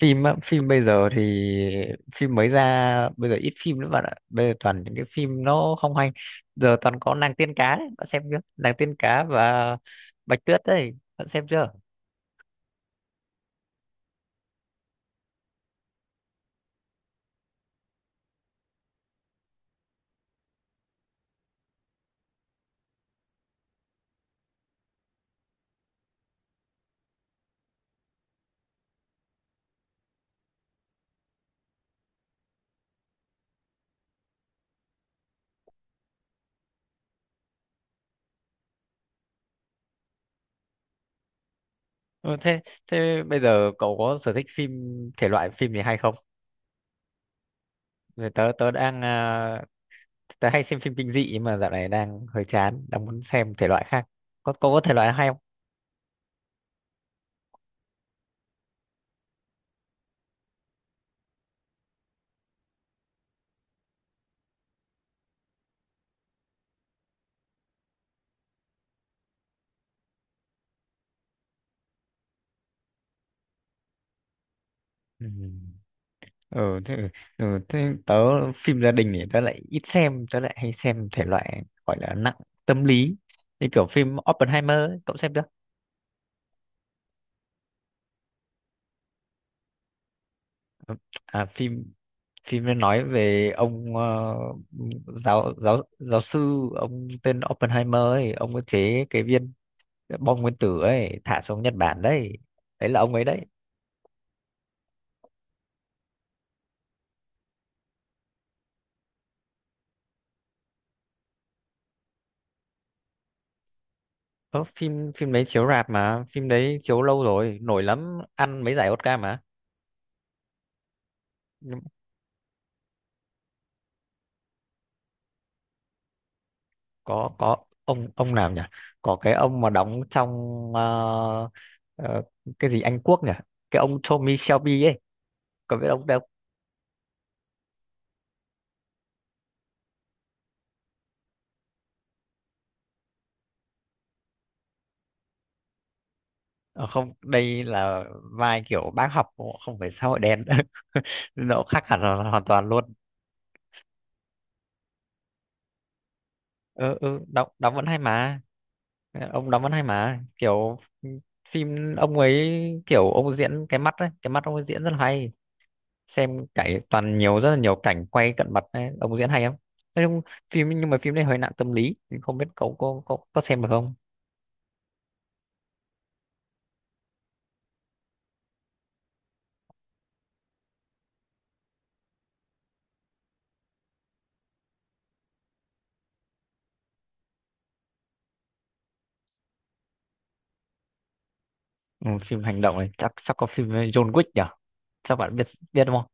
Phim á, phim bây giờ thì phim mới ra bây giờ ít phim nữa bạn ạ, bây giờ toàn những cái phim nó không hay. Giờ toàn có nàng tiên cá đấy, bạn xem chưa? Nàng tiên cá và bạch tuyết đấy, bạn xem chưa? Ừ, thế thế bây giờ cậu có sở thích phim thể loại phim gì hay không? Rồi tớ tớ đang tớ hay xem phim kinh dị nhưng mà dạo này đang hơi chán, đang muốn xem thể loại khác. Có cậu có thể loại hay không? Ừ. ừ thế, thế tớ phim gia đình thì tớ lại ít xem, tớ lại hay xem thể loại gọi là nặng tâm lý, như kiểu phim Oppenheimer ấy, cậu xem chưa? Ừ, phim phim nó nói về ông giáo giáo giáo sư ông tên Oppenheimer ấy, ông có chế cái viên bom nguyên tử ấy thả xuống Nhật Bản đấy, đấy là ông ấy đấy. Ờ, phim phim đấy chiếu rạp mà, phim đấy chiếu lâu rồi, nổi lắm, ăn mấy giải Oscar mà. Có ông nào nhỉ, có cái ông mà đóng trong ờ, ờ, cái gì Anh Quốc nhỉ, cái ông Tommy Shelby ấy, có biết ông đâu. Ờ, không, đây là vai kiểu bác học, không phải xã hội đen nó khác hẳn hoàn hoàn toàn luôn. Ừ, đóng đóng vẫn hay mà. Ờ, ông đóng vẫn hay mà, kiểu phim ông ấy kiểu ông diễn cái mắt ấy, cái mắt ông ấy diễn rất là hay. Xem cải toàn nhiều rất là nhiều cảnh quay cận mặt ấy, ông diễn hay lắm. Thế nhưng phim nhưng mà phim đấy hơi nặng tâm lý thì không biết cậu có có xem được không? Ừ, phim hành động này chắc chắc có phim với John Wick nhỉ, chắc bạn biết, biết đúng không?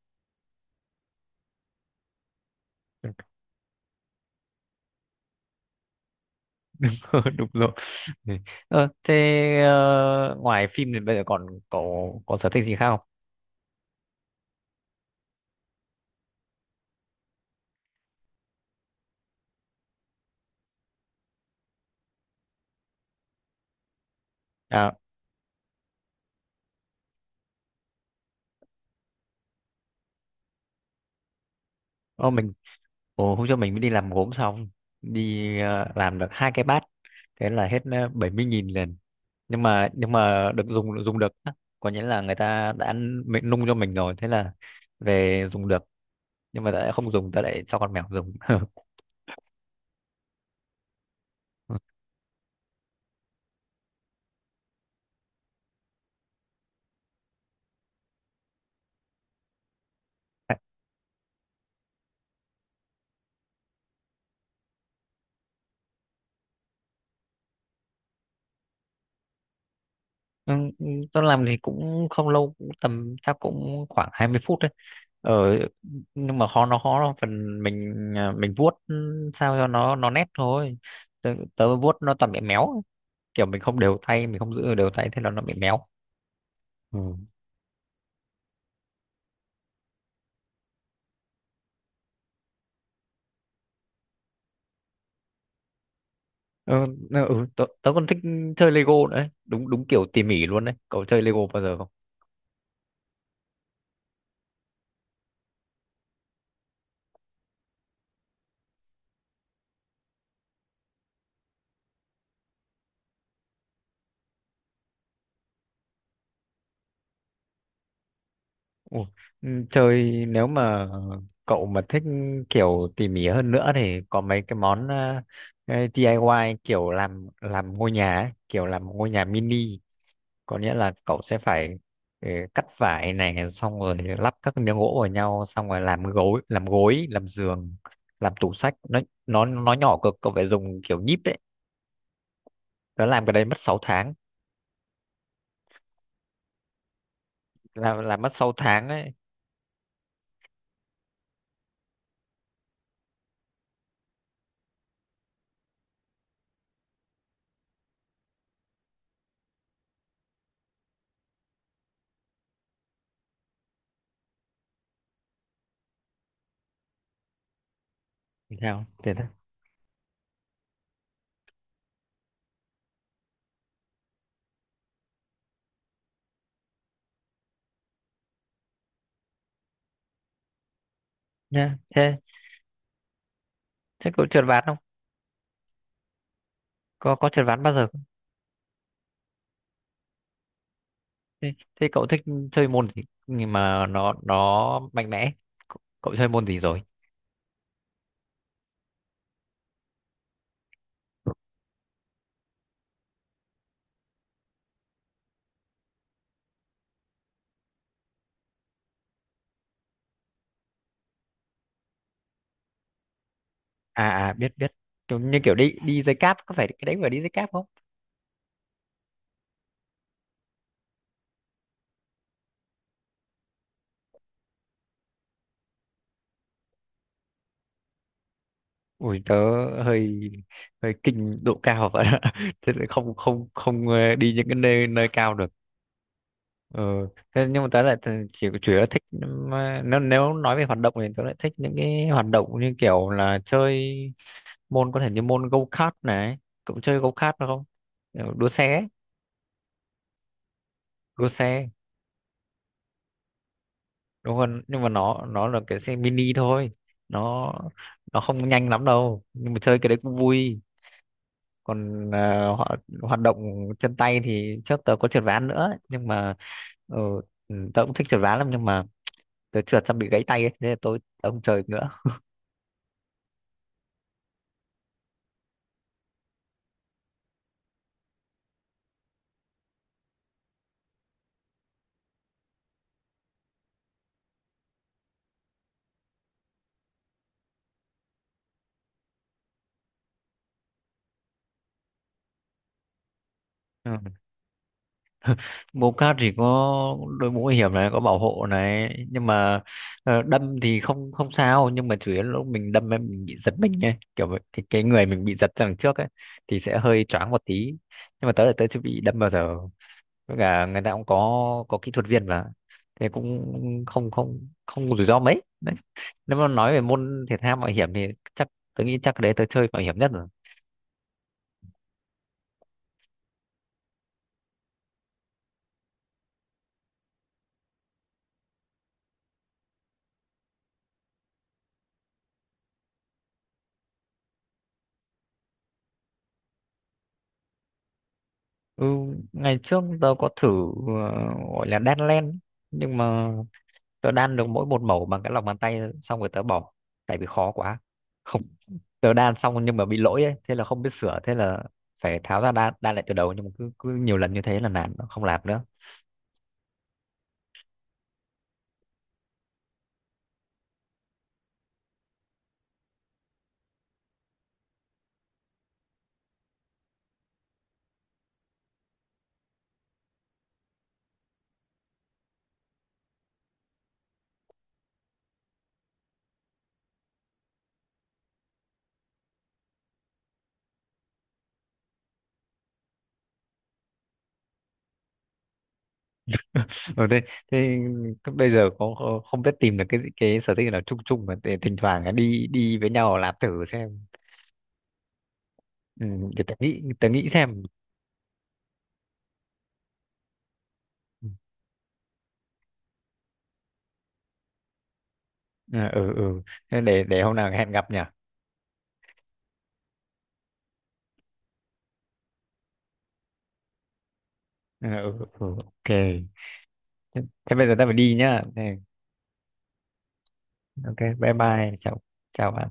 Đúng rồi. Ừ. ờ, thế ngoài phim thì bây giờ còn cậu có sở thích gì khác không? À, Ô, mình hôm trước mình mới đi làm gốm xong, đi làm được hai cái bát, thế là hết 70 nghìn liền. Nhưng mà được dùng dùng được á. Có nghĩa là người ta đã ăn mình, nung cho mình rồi, thế là về dùng được. Nhưng mà đã không dùng ta lại cho con mèo dùng. Ừ, ừ, tôi làm thì cũng không lâu, cũng tầm chắc cũng khoảng 20 phút đấy. Ờ, nhưng mà khó, nó khó là phần mình mình vuốt sao cho nó nét thôi. Tớ vuốt nó toàn bị méo, kiểu mình không đều tay, mình không giữ đều tay, thế là nó bị méo. Ừ. Ừ, tớ còn thích chơi Lego nữa đấy. Đúng đúng kiểu tỉ mỉ luôn đấy, cậu chơi Lego bao giờ không? Ủa, ừ, chơi nếu mà cậu mà thích kiểu tỉ mỉ hơn nữa thì có mấy cái món cái DIY, kiểu làm ngôi nhà ấy, kiểu làm ngôi nhà mini. Có nghĩa là cậu sẽ phải ừ, cắt vải này, xong rồi lắp các miếng gỗ vào nhau, xong rồi làm gối làm giường, làm tủ sách, nó nó nhỏ cực, cậu phải dùng kiểu nhíp đấy. Nó làm cái đấy mất 6 tháng, làm mất 6 tháng đấy. Thì sao thế thôi. Nha thế, cậu trượt ván không, có có trượt ván bao giờ không? Thế, thế cậu thích chơi môn gì nhưng mà nó mạnh mẽ, cậu chơi môn gì rồi? À à biết biết, kiểu như kiểu đi đi dây cáp, có phải cái đấy phải đi dây cáp không? Ui tớ hơi hơi kinh độ cao vậy ạ. Thế lại không không không đi những cái nơi nơi cao được. Ờ, thế nhưng mà tớ lại chỉ chủ yếu là thích, mà nếu nếu nói về hoạt động thì tớ lại thích những cái hoạt động như kiểu là chơi môn có thể như môn go-kart này, cậu chơi go-kart được không? Kiểu đua xe, ấy, đua xe. Đúng không? Nhưng mà nó là cái xe mini thôi. Nó nó không nhanh lắm đâu, nhưng mà chơi cái đấy cũng vui. Còn họ hoạt động chân tay thì trước tớ có trượt ván nữa, nhưng mà ờ, tớ cũng thích trượt ván lắm, nhưng mà tớ trượt xong bị gãy tay ấy, nên là tớ không chơi được nữa. Ừ. Bobcat thì có đội mũ bảo hiểm này, có bảo hộ này, nhưng mà đâm thì không không sao, nhưng mà chủ yếu là lúc mình đâm ấy, mình bị giật mình ấy kiểu vậy. Thì cái người mình bị giật ra đằng trước ấy, thì sẽ hơi choáng một tí, nhưng mà tớ là tớ chưa bị đâm bao giờ, với cả người ta cũng có kỹ thuật viên mà, thế cũng không không không rủi ro mấy. Nếu mà nói về môn thể thao mạo hiểm thì chắc tôi nghĩ chắc đấy tôi chơi mạo hiểm nhất rồi. Ừ, ngày trước tôi có thử ờ, gọi là đan len, nhưng mà tôi đan được mỗi một mẩu bằng cái lòng bàn tay, xong rồi tớ bỏ, tại vì khó quá. Không tớ đan xong nhưng mà bị lỗi ấy, thế là không biết sửa, thế là phải tháo ra đan đan lại từ đầu, nhưng mà cứ nhiều lần như thế là nản, không làm nữa. ừ, thế, thế bây giờ có không biết tìm được cái sở thích nào chung chung mà để thỉnh thoảng đi đi với nhau làm thử xem. Ừ, để tớ nghĩ xem. ừ ừ ừ. Thế để hôm nào hẹn gặp nhỉ. Ừ, ok, thế bây giờ ta phải đi nhá. Ok, bye bye, chào chào bạn.